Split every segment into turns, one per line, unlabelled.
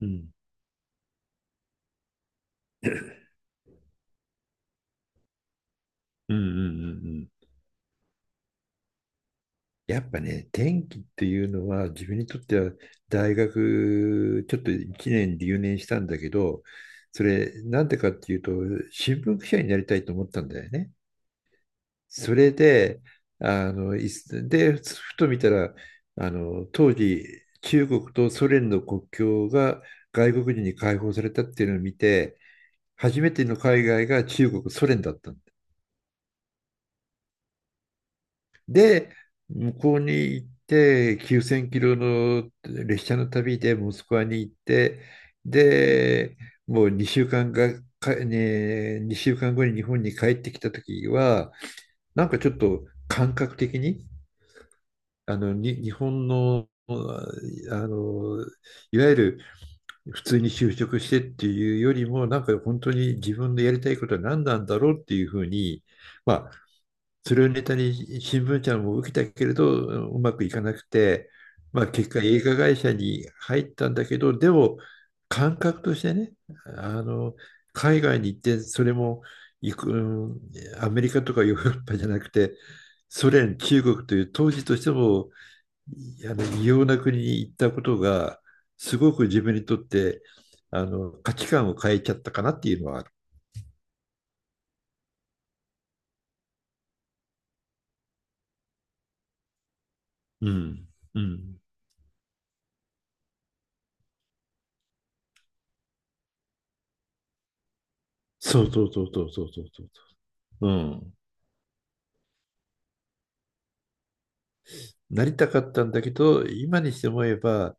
うん。うんうんうんうん。やっぱね、天気っていうのは自分にとっては大学ちょっと1年留年したんだけど、それなんでかっていうと新聞記者になりたいと思ったんだよね。それで、いすで、ふと見たら、当時中国とソ連の国境が外国人に解放されたっていうのを見て、初めての海外が中国、ソ連だった。で、向こうに行って、9000キロの列車の旅でモスクワに行って、で、もう2週間後に日本に帰ってきた時は、なんかちょっと感覚的に、日本の、あの、いわゆる普通に就職してっていうよりも、なんか本当に自分のやりたいことは何なんだろうっていうふうに、まあそれをネタに新聞社も受けたけれど、うまくいかなくて、まあ、結果映画会社に入ったんだけど、でも感覚としてね、あの、海外に行ってそれも行く、うんアメリカとかヨーロッパじゃなくて、ソ連、中国という当時としても異様な国に行ったことが、すごく自分にとって価値観を変えちゃったかなっていうのはある。うん。うん。そうそうそうそうそうそうそう。うん。なりたかったんだけど、今にして思えば、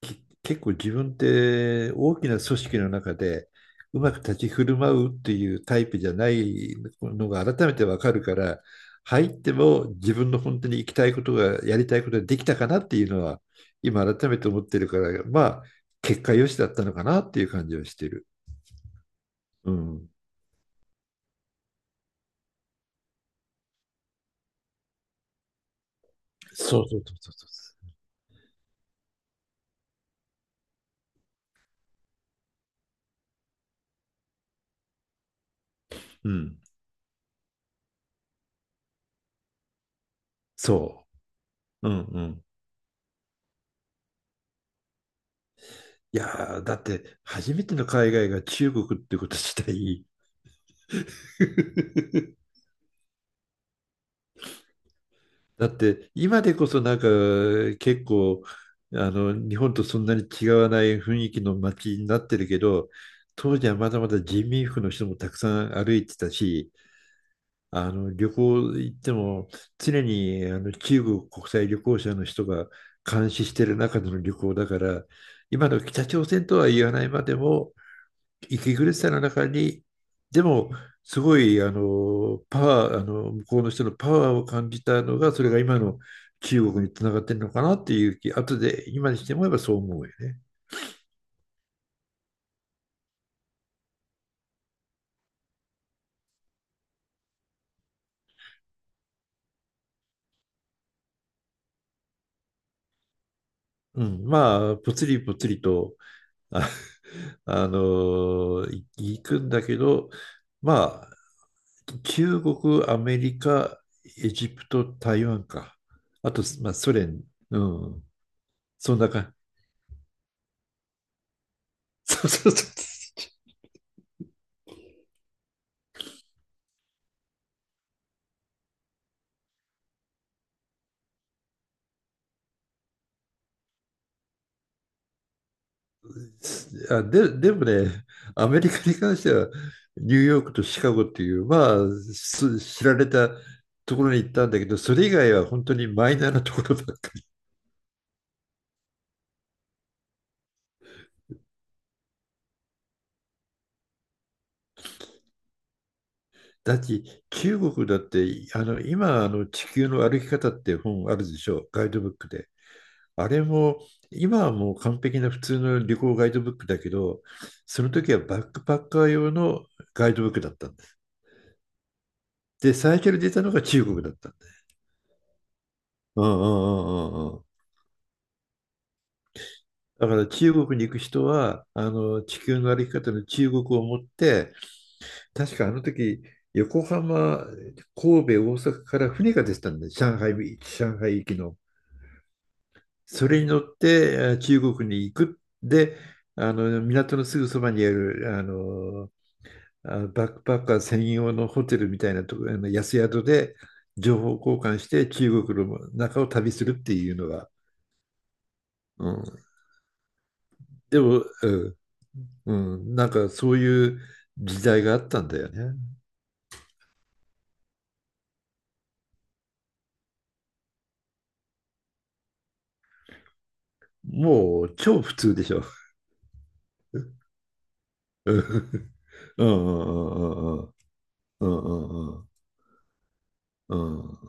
結構自分って大きな組織の中でうまく立ち振る舞うっていうタイプじゃないのが改めてわかるから、入っても自分の本当に行きたいことが、やりたいことができたかなっていうのは、今改めて思ってるから、まあ、結果良しだったのかなっていう感じはしてる。うん。そうそうそうそうそう、うん。そう。うんうん。いやー、だって初めての海外が中国ってこと自体。 だって今でこそなんか結構日本とそんなに違わない雰囲気の街になってるけど、当時はまだまだ人民服の人もたくさん歩いてたし、旅行行っても常に中国国際旅行者の人が監視してる中での旅行だから、今の北朝鮮とは言わないまでも息苦しさの中に、でも、すごい、あの、パワー、あの、向こうの人のパワーを感じたのが、それが今の中国につながってるのかなっていう気、後で、今にしてもえばそう思うよね。うん、まあ、ぽつりぽつりと、あ、行くんだけど、まあ、中国、アメリカ、エジプト、台湾か。あと、まあ、ソ連、うん、そんな感じ。そうそうそう。でもね、アメリカに関しては、ニューヨークとシカゴっていう、まあ、知られたところに行ったんだけど、それ以外は本当にマイナーなところばっかり。だって中国だって、今、地球の歩き方って本あるでしょ、ガイドブックで。あれも、今はもう完璧な普通の旅行ガイドブックだけど、その時はバックパッカー用のガイドブックだったんです。で、最初に出たのが中国だったんです。うんうんうんうんうん。だから中国に行く人は、あの地球の歩き方の中国を持って、確かあの時、横浜、神戸、大阪から船が出てたんで、上海行きの。それに乗って中国に行く。で、あの港のすぐそばにあるあのバックパッカー専用のホテルみたいなとこ、あの安宿で情報交換して中国の中を旅するっていうのが、うん、でも、うんうん、なんかそういう時代があったんだよね。もう超普通でしょ。うんうんうんうんうんうんうんうん。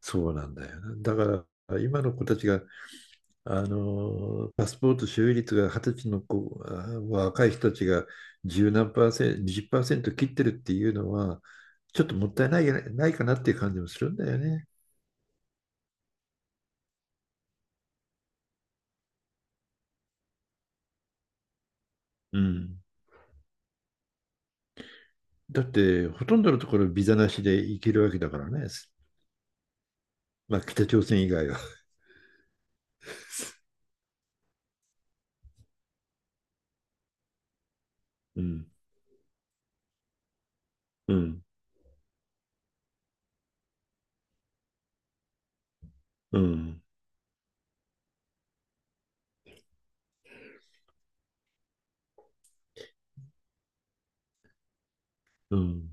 そうなんだよな。だから今の子たちが、パスポート所有率が20歳の子、若い人たちが10何パーセント、20%切ってるっていうのは、ちょっともったいないないかなっていう感じもするんだよね。うん。だって、ほとんどのところビザなしで行けるわけだからね。まあ、北朝鮮以外は。うん、うん、うん、うん。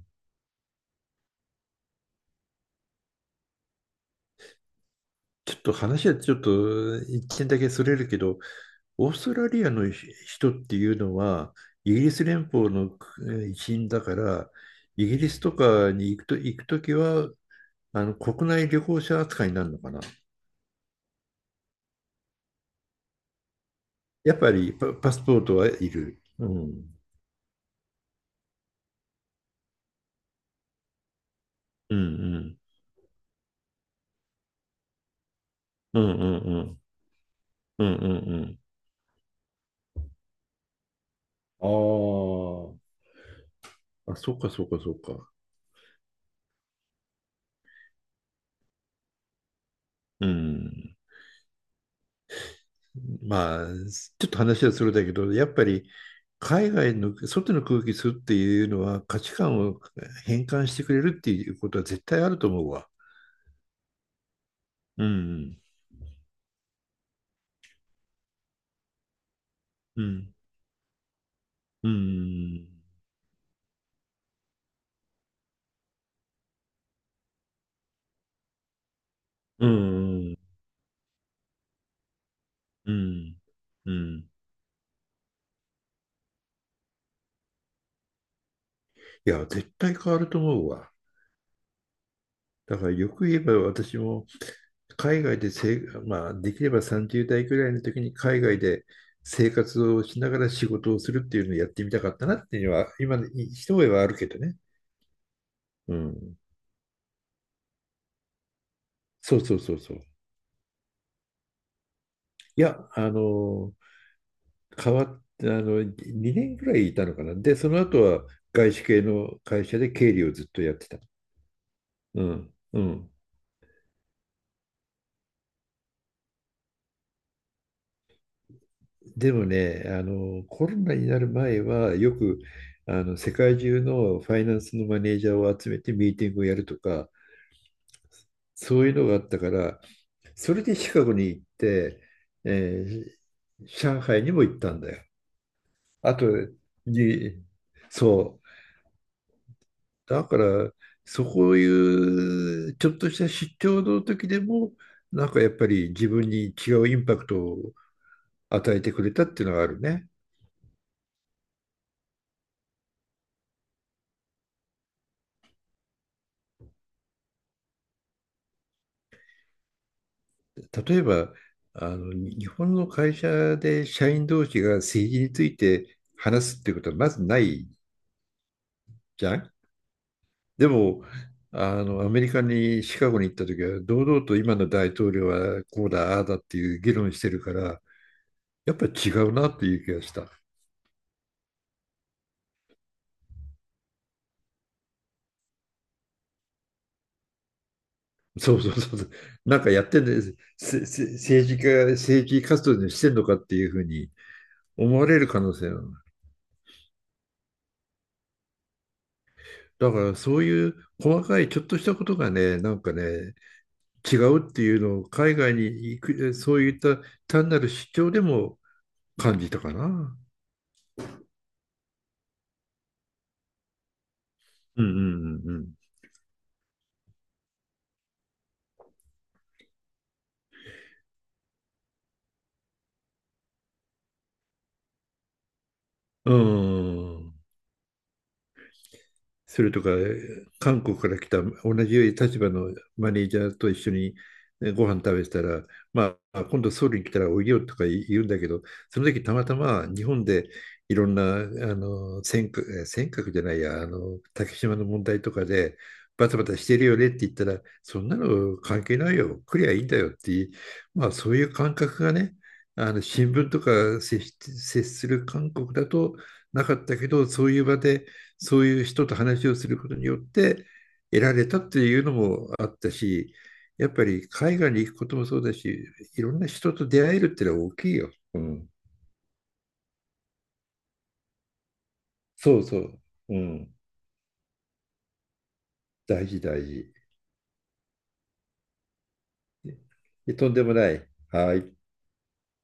ちょっと話はちょっと一点だけそれるけど、オーストラリアの人っていうのは、イギリス連邦の一員だから、イギリスとかに行くと、きは、あの国内旅行者扱いになるのかな。やっぱりパスポートはいる。うん。うんうん。うんうんうん。うんうんうん。ああ、そうかそうかそうか。うん。まあ、ちょっと話はそれだけど、やっぱり海外の外の空気吸うっていうのは価値観を変換してくれるっていうことは絶対あると思うわ。うん、うん、うん、うん、うん、うん。いや、絶対変わると思うわ。だからよく言えば私も海外でせい、まあ、できれば30代くらいの時に海外で生活をしながら仕事をするっていうのをやってみたかったなっていうのは、今、一目はあるけどね。うん。そうそうそうそう。いや、変わって、2年ぐらいいたのかな。で、その後は外資系の会社で経理をずっとやってた。うん。うん。でもね、コロナになる前は、よく、世界中のファイナンスのマネージャーを集めてミーティングをやるとか、そういうのがあったから、それでシカゴに行って、えー上海にも行ったんだよ。あと、に、そう、だから、そういうちょっとした出張の時でも、なんかやっぱり自分に違うインパクトを与えてくれたっていうのがあるね。例えば、日本の会社で社員同士が政治について話すってことはまずないじゃん。でも、アメリカにシカゴに行った時は、堂々と今の大統領はこうだ、ああだっていう議論してるから、やっぱり違うなっていう気がした。そうそうそうそう。なんかやってんで、せ、せ、政治家、政治活動でしてんのかっていうふうに思われる可能性はある。だからそういう細かいちょっとしたことがね、なんかね、違うっていうのを海外に行く、そういった単なる主張でも感じたかな。うんうんうんうん。うん。それとか、韓国から来た同じ立場のマネージャーと一緒にねご飯食べてたら、まあ、今度ソウルに来たらおいでよとか言うんだけど、その時たまたま日本でいろんな、尖閣、尖閣じゃないや、竹島の問題とかで、バタバタしてるよねって言ったら、そんなの関係ないよ、来りゃいいんだよっていう、まあそういう感覚がね、あの新聞とか接する韓国だとなかったけど、そういう場でそういう人と話をすることによって得られたっていうのもあったし、やっぱり海外に行くこともそうだし、いろんな人と出会えるってのは大きいよ。うん、そうそう、うん、大事大事。とんでもない。はい。